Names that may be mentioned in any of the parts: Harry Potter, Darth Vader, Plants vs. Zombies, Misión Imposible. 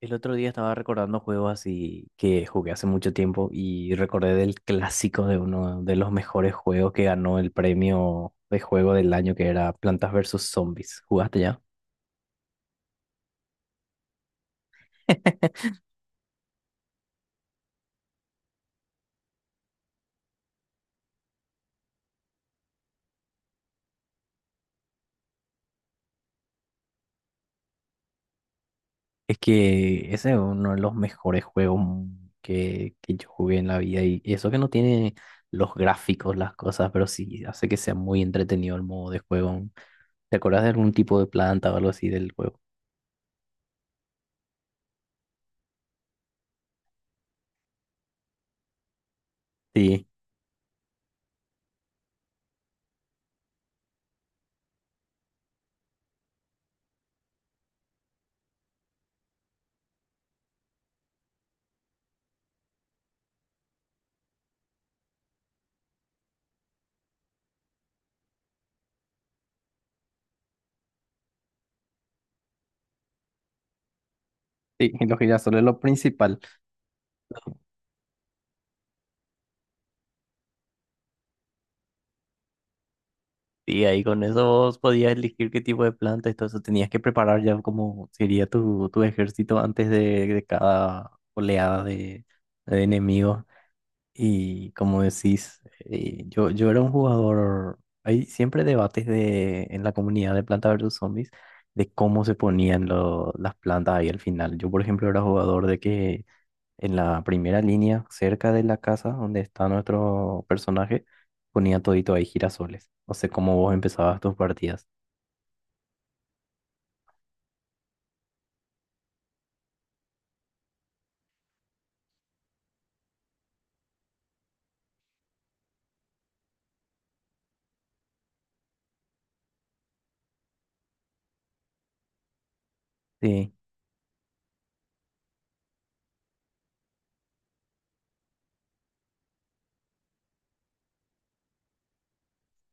El otro día estaba recordando juegos así que jugué hace mucho tiempo y recordé del clásico de uno de los mejores juegos que ganó el premio de juego del año que era Plantas versus Zombies. ¿Jugaste ya? Es que ese es uno de los mejores juegos que yo jugué en la vida y eso que no tiene los gráficos, las cosas, pero sí hace que sea muy entretenido el modo de juego. ¿Te acuerdas de algún tipo de planta o algo así del juego? Sí, sí, lo que ya solo es lo principal. Y ahí con eso vos podías elegir qué tipo de planta y todo eso. Tenías que preparar ya como sería tu ejército antes de cada oleada de enemigos. Y como decís, yo era un jugador. Hay siempre debates de, en la comunidad de Planta versus Zombies de cómo se ponían las plantas ahí al final. Yo, por ejemplo, era jugador de que en la primera línea, cerca de la casa donde está nuestro personaje, ponía todito ahí girasoles. O sea, como vos empezabas tus partidas. Sí.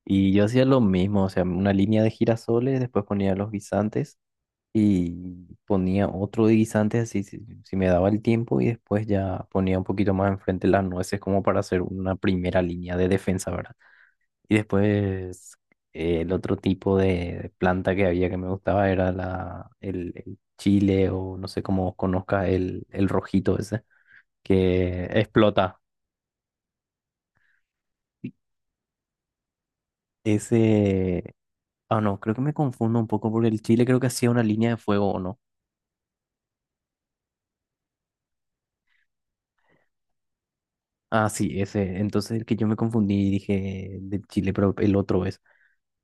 Y yo hacía lo mismo, o sea, una línea de girasoles, después ponía los guisantes y ponía otro de guisantes así si me daba el tiempo y después ya ponía un poquito más enfrente las nueces como para hacer una primera línea de defensa, ¿verdad? Y después el otro tipo de planta que había que me gustaba era el chile, o no sé cómo conozcas el rojito ese que explota. Ese... Ah, no, creo que me confundo un poco porque el chile creo que hacía una línea de fuego o no. Ah, sí, ese. Entonces el que yo me confundí y dije del chile, pero el otro es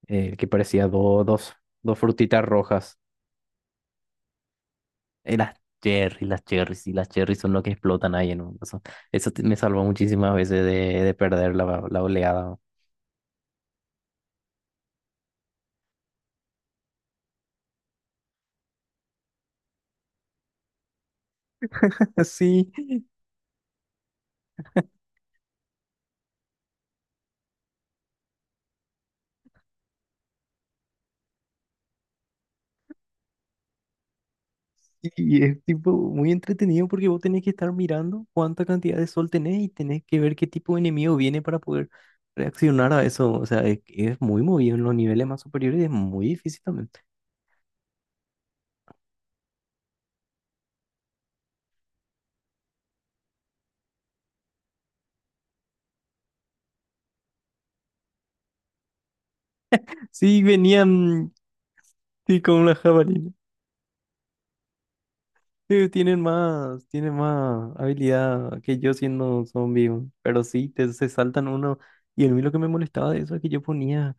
el que parecía dos, dos frutitas rojas. Y las cherries, y las cherries son lo que explotan ahí en un... Eso, me salvó muchísimas veces de perder la oleada. Sí, y es tipo muy entretenido porque vos tenés que estar mirando cuánta cantidad de sol tenés y tenés que ver qué tipo de enemigo viene para poder reaccionar a eso. O sea, es muy movido en los niveles más superiores y es muy difícil también. Sí, venían sí, con la jabalina. Sí, tienen más habilidad que yo siendo zombie, weón. Pero sí, te, se saltan uno. Y a mí lo que me molestaba de eso es que yo ponía,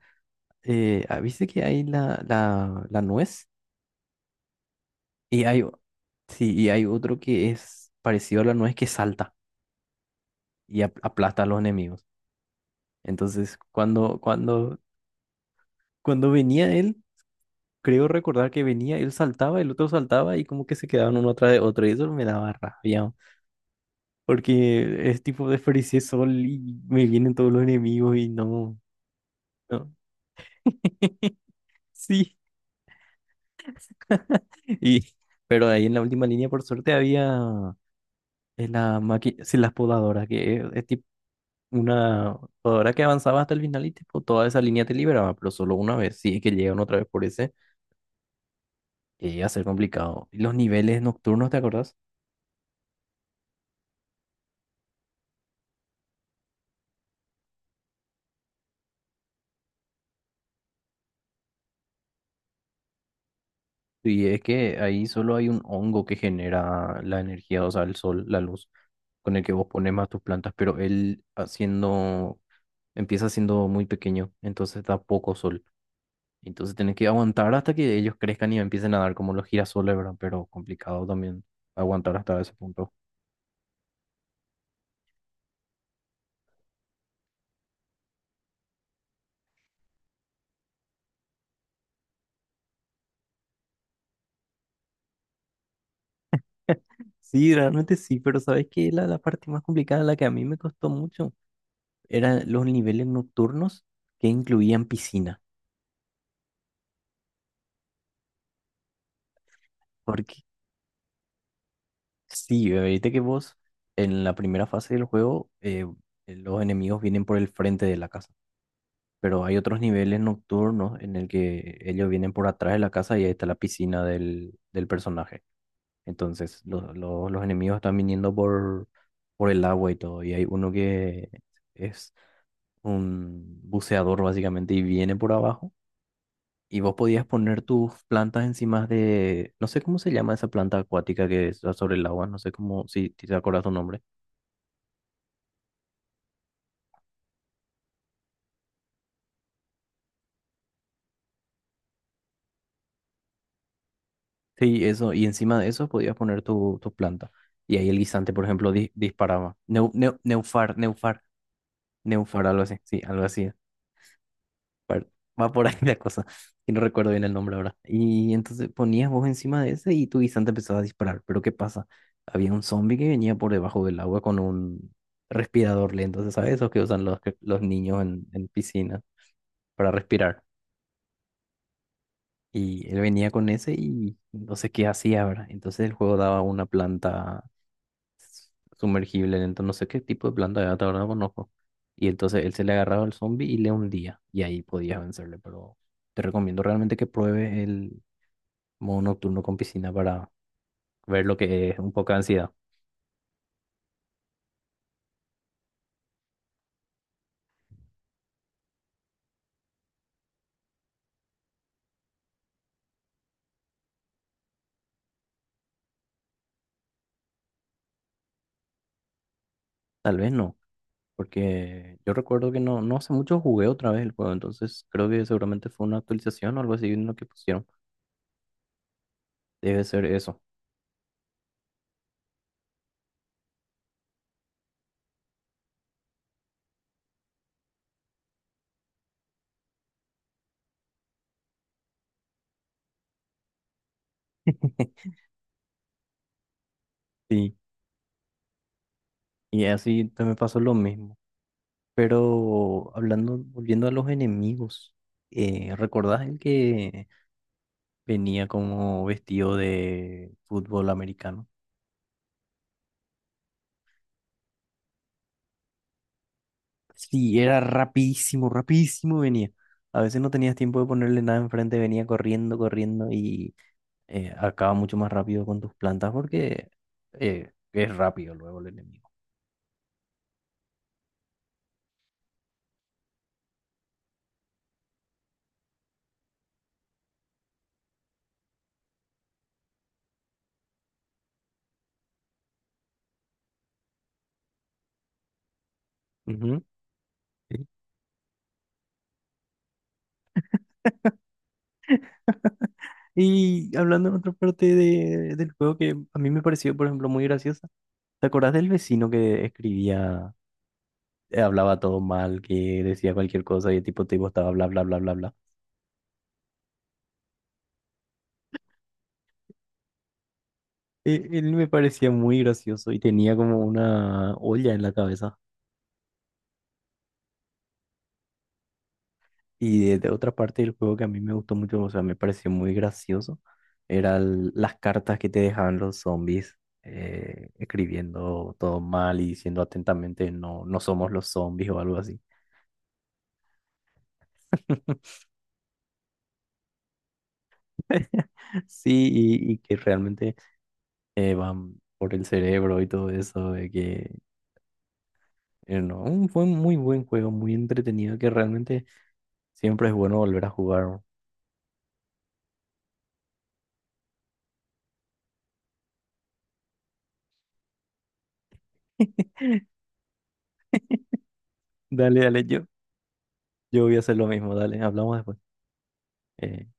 ¿viste que hay la nuez? Y hay, sí, y hay otro que es parecido a la nuez que salta y aplasta a los enemigos. Entonces, cuando venía él, creo recordar que venía, él saltaba, el otro saltaba y como que se quedaban uno atrás de otro y eso me daba rabia. Porque es tipo desperdicié sol y me vienen todos los enemigos y no, no. Sí. Y, pero ahí en la última línea, por suerte, había la máquina, sí, las podadoras, que es tipo una podadora que avanzaba hasta el final y tipo toda esa línea te liberaba, pero solo una vez. Si es que llegan otra vez por ese, que iba a ser complicado. Y los niveles nocturnos, ¿te acordás? Y es que ahí solo hay un hongo que genera la energía, o sea, el sol, la luz, con el que vos pones más tus plantas, pero él haciendo, empieza siendo muy pequeño, entonces da poco sol. Entonces tenés que aguantar hasta que ellos crezcan y empiecen a dar como los girasoles, ¿verdad? Pero complicado también aguantar hasta ese punto. Sí, realmente sí, pero ¿sabes qué? La parte más complicada, la que a mí me costó mucho, eran los niveles nocturnos que incluían piscina. Sí, viste que vos en la primera fase del juego los enemigos vienen por el frente de la casa, pero hay otros niveles nocturnos en el que ellos vienen por atrás de la casa y ahí está la piscina del personaje. Entonces los enemigos están viniendo por el agua y todo, y hay uno que es un buceador básicamente y viene por abajo. Y vos podías poner tus plantas encima de, no sé cómo se llama esa planta acuática que está sobre el agua, no sé cómo, si te acuerdas tu nombre. Sí, eso, y encima de eso podías poner tu planta. Y ahí el guisante, por ejemplo, disparaba. Neufar, algo así. Sí, algo así. Par- Va por ahí la cosa. Y no recuerdo bien el nombre ahora. Y entonces ponías vos encima de ese y tu guisante empezaba a disparar. Pero ¿qué pasa? Había un zombie que venía por debajo del agua con un respirador lento. Entonces, ¿sabes? Esos que usan los niños en piscina para respirar. Y él venía con ese y no sé qué hacía, ¿verdad? Entonces el juego daba una planta sumergible, entonces no sé qué tipo de planta era, ahora no conozco. Y entonces él se le agarraba al zombie y le hundía, y ahí podías vencerle, pero te recomiendo realmente que pruebes el modo nocturno con piscina para ver lo que es un poco de ansiedad. Tal vez no, porque yo recuerdo que no, no hace mucho jugué otra vez el juego, entonces creo que seguramente fue una actualización o algo así en lo que pusieron. Debe ser eso. Sí, y así te me pasó lo mismo. Pero hablando, volviendo a los enemigos, ¿recordás el que venía como vestido de fútbol americano? Sí, era rapidísimo, rapidísimo venía. A veces no tenías tiempo de ponerle nada enfrente, venía corriendo, corriendo y acaba mucho más rápido con tus plantas porque es rápido luego el enemigo. Ujú. Sí. Y hablando en otra parte del juego que a mí me pareció, por ejemplo, muy graciosa, ¿te acordás del vecino que escribía? Hablaba todo mal, que decía cualquier cosa y el tipo, tipo estaba bla, bla, bla, bla, bla. Él me parecía muy gracioso y tenía como una olla en la cabeza. Y de otra parte del juego que a mí me gustó mucho, o sea, me pareció muy gracioso, eran las cartas que te dejaban los zombies. Escribiendo todo mal y diciendo atentamente no, no somos los zombies o algo así. Sí, y que realmente van por el cerebro y todo eso, de que no, un- fue un muy buen juego, muy entretenido, que realmente siempre es bueno volver a jugar. ¿No? Dale, dale, yo voy a hacer lo mismo, dale, hablamos después. Eh,